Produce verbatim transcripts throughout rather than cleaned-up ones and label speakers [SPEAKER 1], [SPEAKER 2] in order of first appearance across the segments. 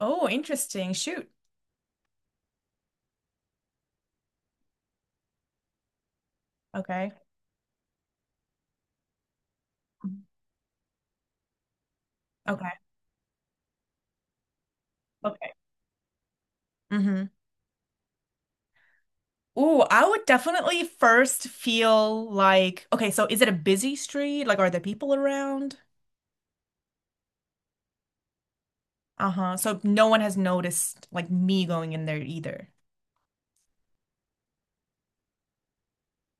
[SPEAKER 1] Oh, interesting. Shoot. Okay. Okay. Okay. Mm-hmm. Ooh, I would definitely first feel like, okay, so is it a busy street? Like, are there people around? Uh-huh. So no one has noticed like me going in there either.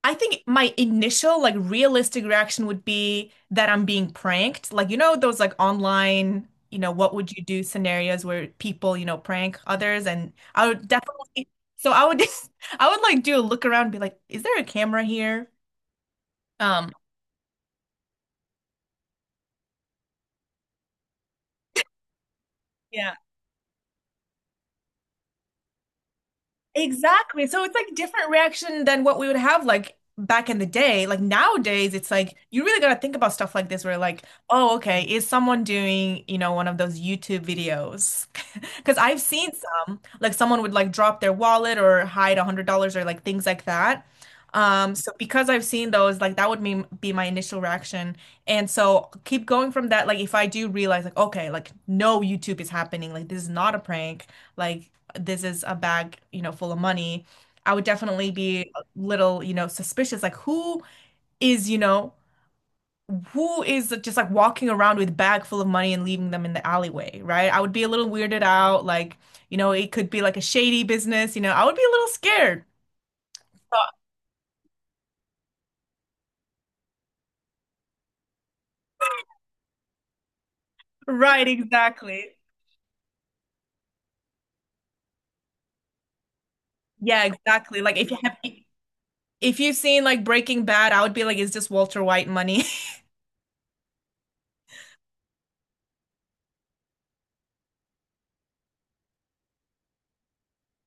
[SPEAKER 1] I think my initial like realistic reaction would be that I'm being pranked. Like, you know, those like online, you know, what would you do scenarios where people, you know, prank others and I would definitely so I would just I would like do a look around and be like, is there a camera here? Um, yeah. Exactly. So it's like different reaction than what we would have like back in the day. Like nowadays it's like you really gotta think about stuff like this where like, oh, okay, is someone doing, you know, one of those YouTube videos? Because I've seen some, like someone would like drop their wallet or hide a hundred dollars or like things like that. Um, so because I've seen those, like that would be be my initial reaction. And so keep going from that. Like if I do realize, like, okay, like no YouTube is happening, like this is not a prank, like this is a bag, you know, full of money. I would definitely be a little, you know, suspicious, like who is, you know, who is just like walking around with bag full of money and leaving them in the alleyway, right? I would be a little weirded out, like, you know, it could be like a shady business, you know, I would be a little scared. Uh, Right, exactly. Yeah, exactly. Like if you have if you've seen like Breaking Bad, I would be like, is this Walter White money?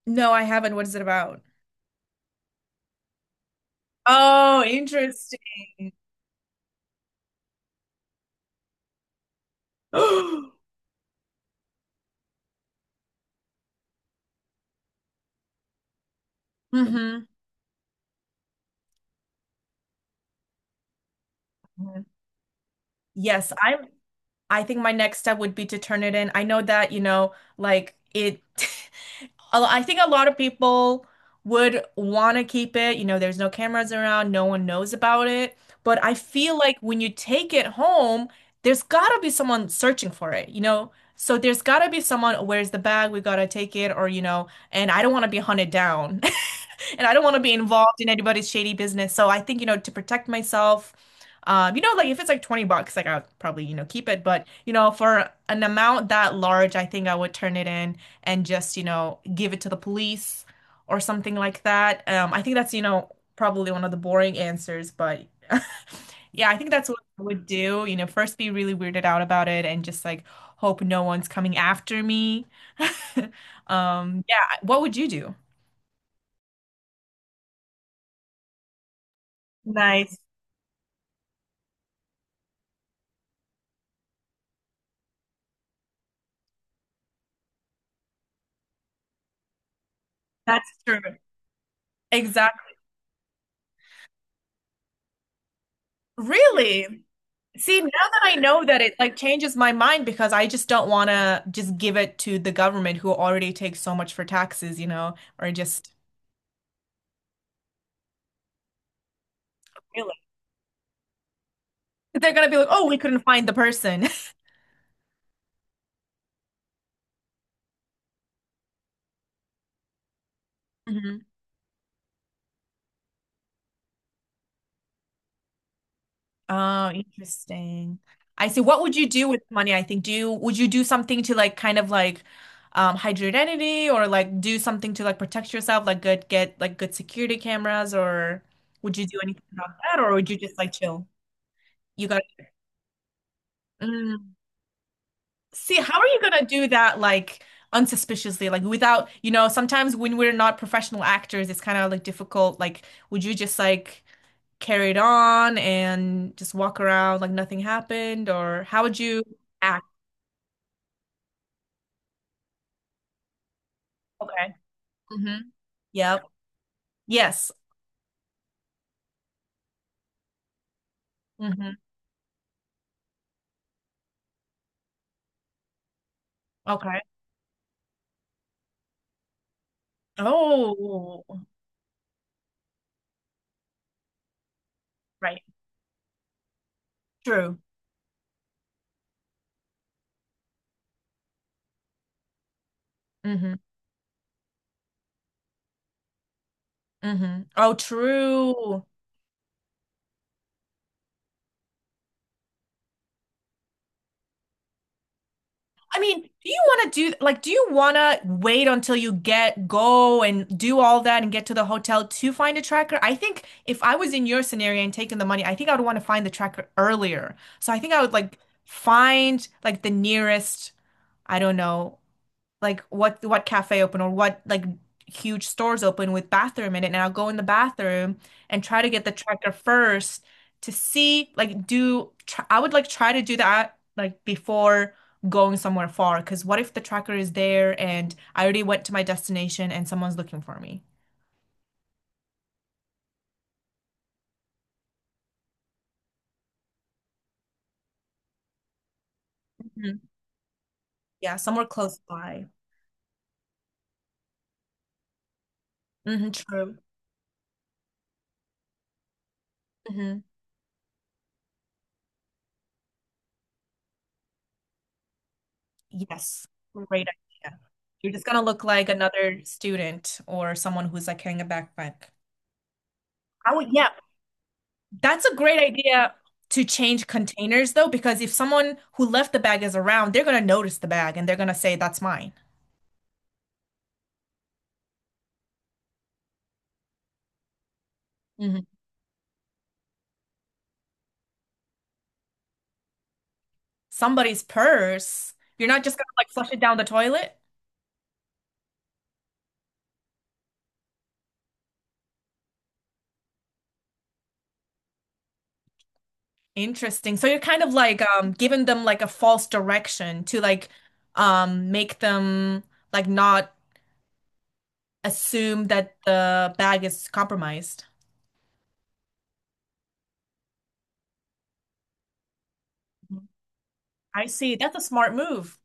[SPEAKER 1] No, I haven't. What is it about? Oh, interesting. Hmm. Yes, I'm I think my next step would be to turn it in. I know that, you know, like it a- I think a lot of people would want to keep it. You know, there's no cameras around, no one knows about it. But I feel like when you take it home, there's gotta be someone searching for it, you know? So there's gotta be someone, where's the bag? We gotta take it, or, you know, and I don't want to be hunted down. And I don't want to be involved in anybody's shady business. So I think, you know, to protect myself, um, you know, like if it's like twenty bucks, like I'll probably, you know, keep it. But, you know, for an amount that large, I think I would turn it in and just, you know, give it to the police or something like that. Um, I think that's, you know, probably one of the boring answers, but yeah, I think that's what I would do. You know, first be really weirded out about it and just like hope no one's coming after me. Um, yeah, what would you do? Nice. That's true. Exactly. Really? See, now that I know that it like changes my mind because I just don't want to just give it to the government who already takes so much for taxes, you know, or just They're gonna be like, oh, we couldn't find the person. Mhm. Oh, interesting. I see. What would you do with money? I think. Do you would you do something to like kind of like um hide your identity or like do something to like protect yourself, like good get like good security cameras or would you do anything about that or would you just like chill? You got See, how are you gonna do that like unsuspiciously? Like without, you know, sometimes when we're not professional actors, it's kind of like difficult. Like, would you just like carry it on and just walk around like nothing happened? Or how would you act? Okay. Mm-hmm. Yep. Yes. Mm-hmm. Okay. Oh, right. True. Mm-hmm. Mm-hmm. Oh, true. I mean, do you want to do like do you want to wait until you get go and do all that and get to the hotel to find a tracker? I think if I was in your scenario and taking the money, I think I would want to find the tracker earlier. So I think I would like find like the nearest, I don't know, like what what cafe open or what like huge stores open with bathroom in it and I'll go in the bathroom and try to get the tracker first to see like do tr I would like try to do that like before going somewhere far because what if the tracker is there and I already went to my destination and someone's looking for me. Mhm. Yeah, somewhere close by. Hmm. True. Hmm. Yes, great idea. You're just gonna look like another student or someone who's like carrying a backpack. I would, yeah, that's a great idea to change containers though, because if someone who left the bag is around, they're gonna notice the bag and they're gonna say, that's mine. Mhm. Somebody's purse. You're not just gonna like flush it down the toilet. Interesting. So you're kind of like um giving them like a false direction to like um make them like not assume that the bag is compromised. Mhm. I see. That's a smart move.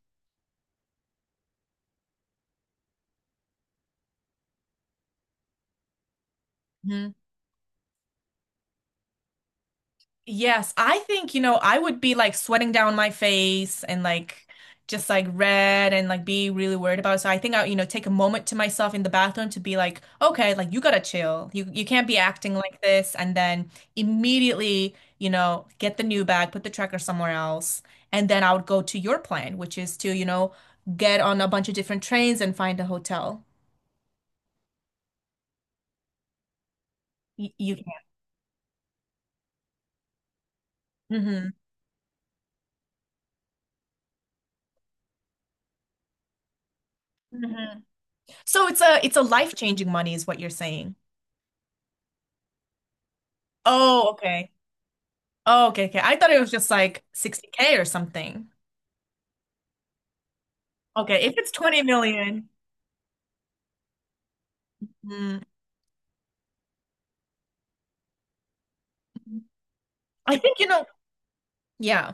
[SPEAKER 1] Yes, I think, you know, I would be like sweating down my face and like just like red and like be really worried about it. So I think I, you know, take a moment to myself in the bathroom to be like, okay, like you gotta chill. You you can't be acting like this and then immediately, you know, get the new bag, put the tracker somewhere else. And then I would go to your plan, which is to, you know, get on a bunch of different trains and find a hotel. Y- You, can. Hmm. Hmm. So it's a it's a life-changing money is what you're saying. Oh, okay. Oh, okay, okay. I thought it was just like sixty k or something. Okay, if it's 20 million, mm, I think, you know, yeah,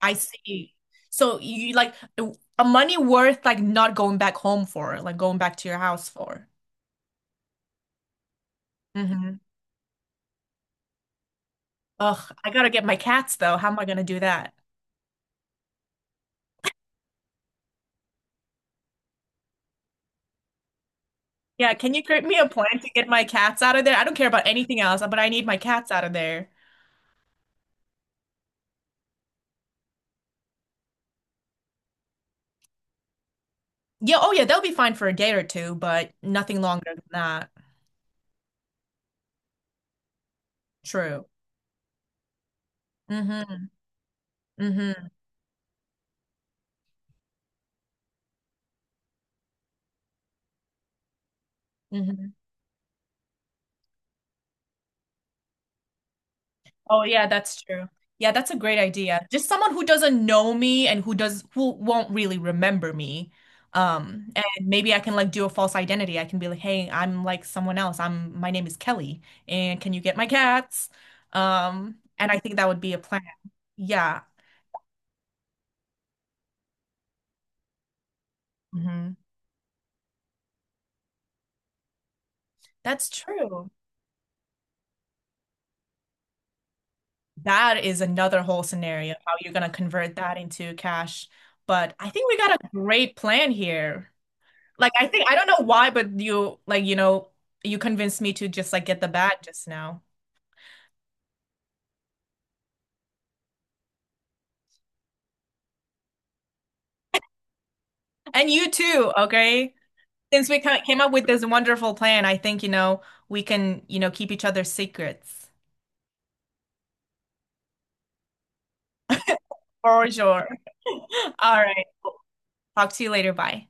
[SPEAKER 1] I see. So you like a money worth like not going back home for, like going back to your house for. Mm-hmm. Ugh, I gotta get my cats though. How am I gonna do that? Yeah, can you create me a plan to get my cats out of there? I don't care about anything else, but I need my cats out of there. Yeah, oh yeah, they'll be fine for a day or two, but nothing longer than that. True. Mm-hmm. Mm-hmm. Mm-hmm. Oh yeah, that's true. Yeah, that's a great idea. Just someone who doesn't know me and who does who won't really remember me. Um, and maybe I can like do a false identity. I can be like, "Hey, I'm like someone else. I'm my name is Kelly, and can you get my cats?" Um, and I think that would be a plan. Yeah. Hmm. That's true. That is another whole scenario, how you're gonna convert that into cash. But I think we got a great plan here. Like I think I don't know why, but you like you know you convinced me to just like get the bat just now, and you too. Okay, since we ca- came up with this wonderful plan, I think you know we can you know keep each other's secrets for sure. All right, talk to you later. Bye.